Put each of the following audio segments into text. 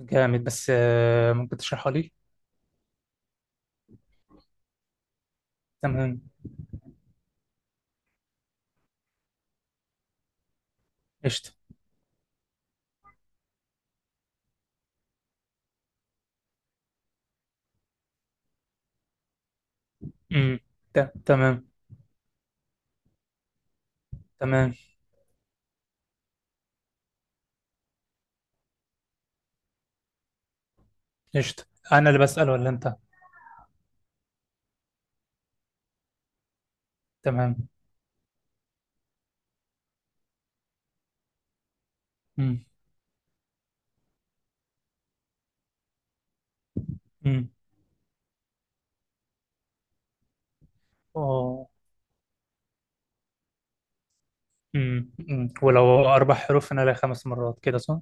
جامد بس ممكن تشرحها لي. تمام، قشطة. امم. تمام. تمام، قشطة. انا اللي بسأل ولا انت؟ تمام. امم. امم. اه. امم. أمم. ولو 4 حروف انا لها 5 مرات، كده صح؟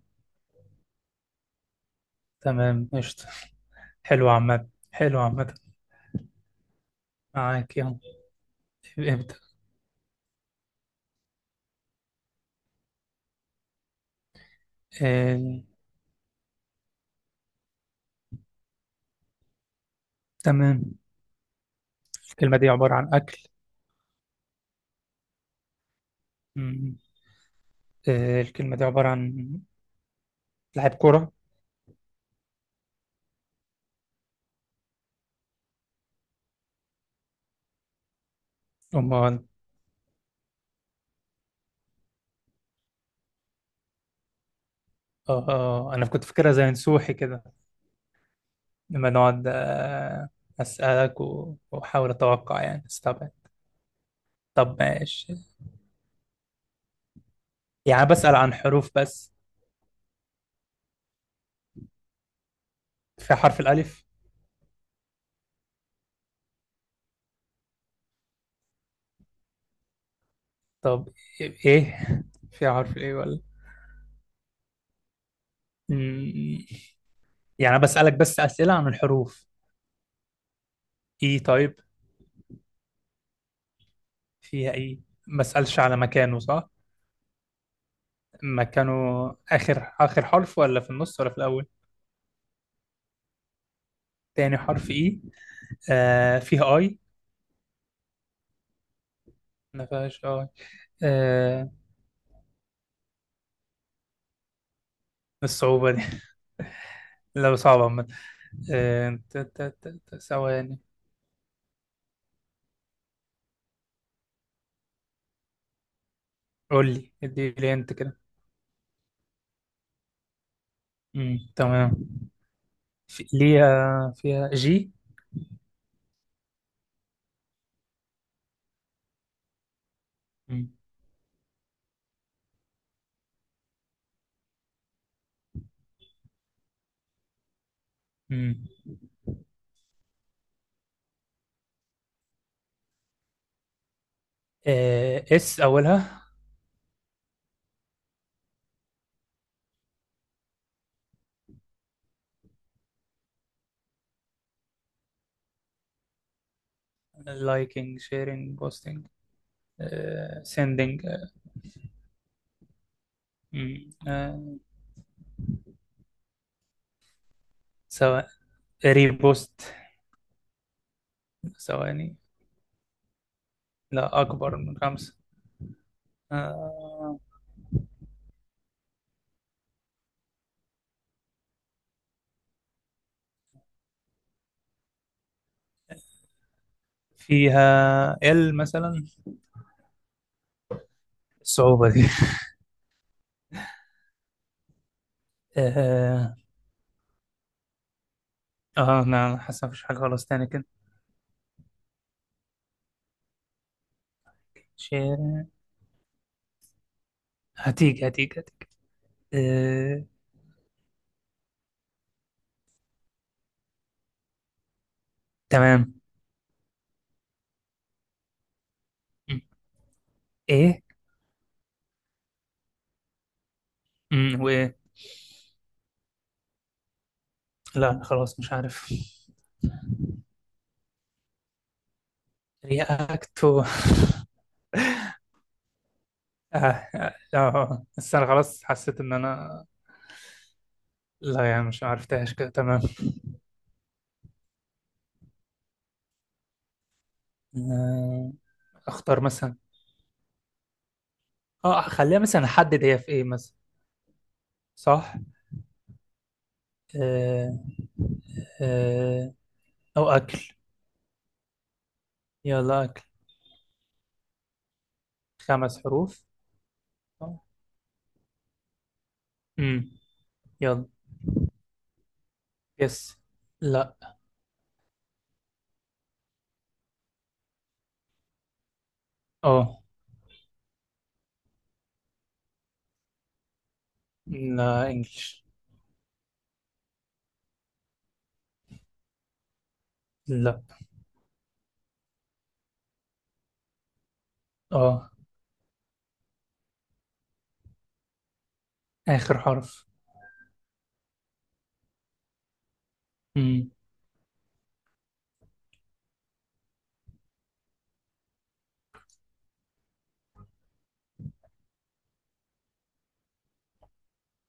تمام، قشطة. حلو عامة، حلو عامة. معاك، يلا ابدأ. آه، تمام. الكلمة دي عبارة عن أكل. أمم. الكلمة دي عبارة عن لاعب كرة. أمال. آه، آه، آه. أنا كنت فاكرها زي نسوحي كده. لما نقعد أسألك و- وأحاول أتوقع، يعني استبعد. طب ماشي. يعني بسأل عن حروف بس. في حرف الألف. طب، إيه؟ في حرف الإيه ولا؟ مم، يعني بسألك بس أسئلة عن الحروف؟ إيه، طيب. فيها إيه؟ ما أسألش على مكانه، صح؟ مكانه. آخر آخر حرف، ولا في النص، ولا في الأول؟ تاني حرف إيه؟ آه، فيها آي؟ ما فيهاش آي. آه، الصعوبة دي لا، صعبة عامة. ثواني. قول لي، ادي لي انت كده. امم، تمام. في ليها فيها جي؟ امم. امم. آه، اس اولها؟ لايكينج، شيرينج، بوستينج، سيندينج. سواء ريبوست. ثواني. لا، اكبر من 5. آه، فيها ال مثلا؟ الصعوبة دي. اه. انا حاسس مفيش حاجة خلاص تاني كده. شيرين. هتيجي هتيجي هتيجي. آه، تمام. م. ايه؟ م، وايه؟ لا، خلاص مش عارف. رياكت. آه، آه، آه. بس أنا خلاص حسيت إن أنا. لا، يعني مش عرفتهاش كده، تمام. آه، أختار مثلا. أه، خليها مثلا أحدد هي في إيه مثلا. صح. آه، آه. أو أكل. يلا، أكل. 5 حروف. امم، يلا. يس. لا. أه. لا، إنجلش. لا. أه، آخر حرف. امم.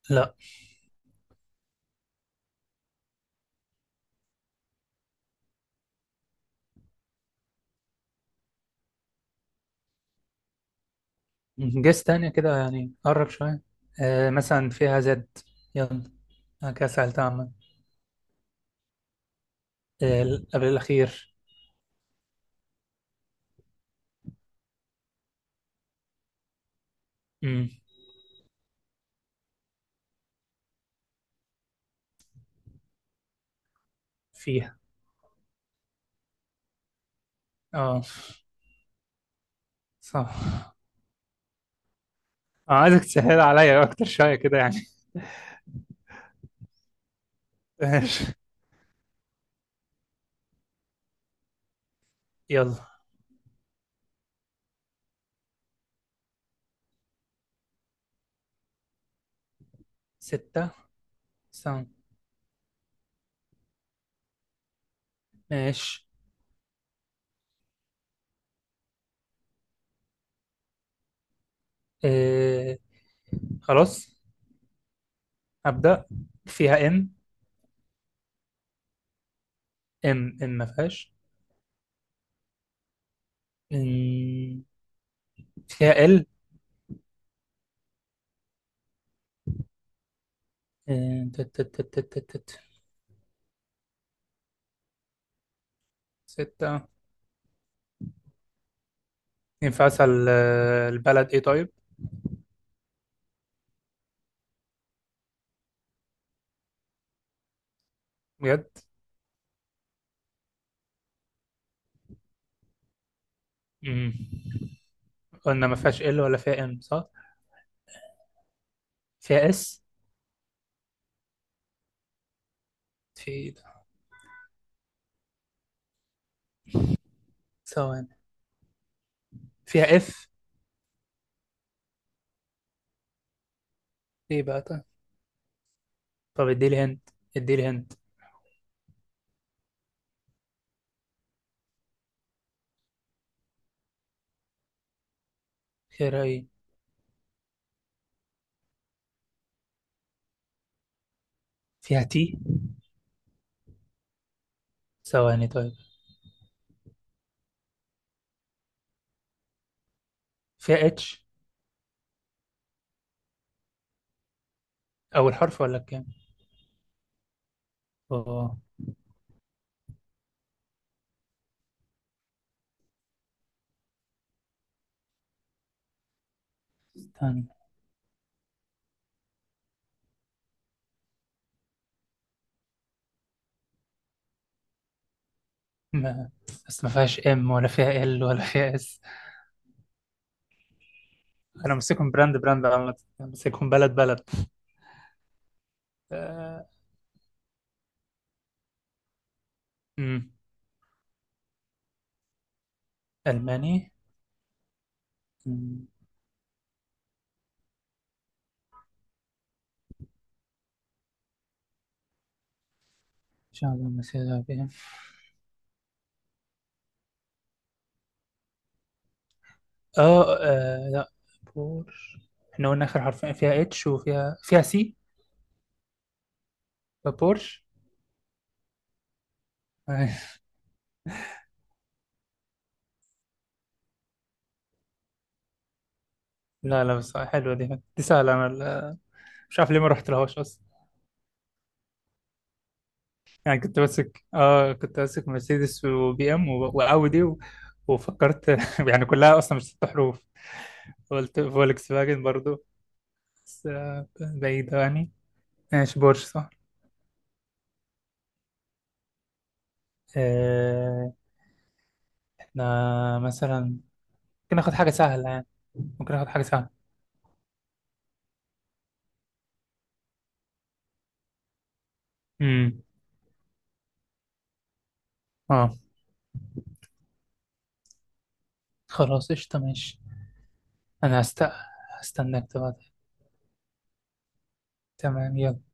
لا، جيس تانية كده يعني قرب شوية. آه، مثلا فيها زد، يلا. أنا كده سألتها عامة. آه، ال- قبل الأخير. مم. فيها. اه، صح. آه، عايزك تسهل عليا أكتر شوية كده يعني. ماشي، يلا. 6. سام. ماشي. آه، خلاص. أبدأ. فيها إم. إم، إم، ما فيهاش. إم، فيها إل. آه، تت- تت- تت- تت- تت. تت. 6. ينفع أسأل البلد إيه؟ طيب. بجد؟ مم. قلنا ما فيهاش ال، ولا فيها ام، صح؟ فيها اس. في إيه ده؟ ثواني. فيها اف. ايه بقى؟ طيب. طب، اديلي هنت، اديلي هنت. خيرها ايه؟ فيها تي. ثواني، طيب. فيها اتش. اول حرف ولا كام؟ اه. استنى. ما بس ما فيهاش ام، ولا فيها ال، ولا فيها اس. انا ماسكهم براند براند عامة. أنا ماسكهم بلد بلد. آه. أمم. الماني. أمم. ان شاء الله مسيرها بيه. اه، آه، لا. بور. احنا قلنا اخر حرفين فيها اتش، وفيها سي. بورش. أي. لا، لا، بس حلوة. دي سهلة. أنا مش عارف ليه ما رحت لهاش أصلا. يعني كنت ماسك مرسيدس، وبي إم، وأودي. وفكرت يعني كلها أصلا مش 6 حروف. قلت فولكس فاجن برضو. بس بعيدة يعني. ماشي، بورش صح. آه، إحنا مثلا ممكن ناخد حاجة سهلة يعني، ممكن ناخد حاجة سهلة. امم. اه. خلاص، قشطة، ماشي. أنا هستناك تبعت. تمام، يلا.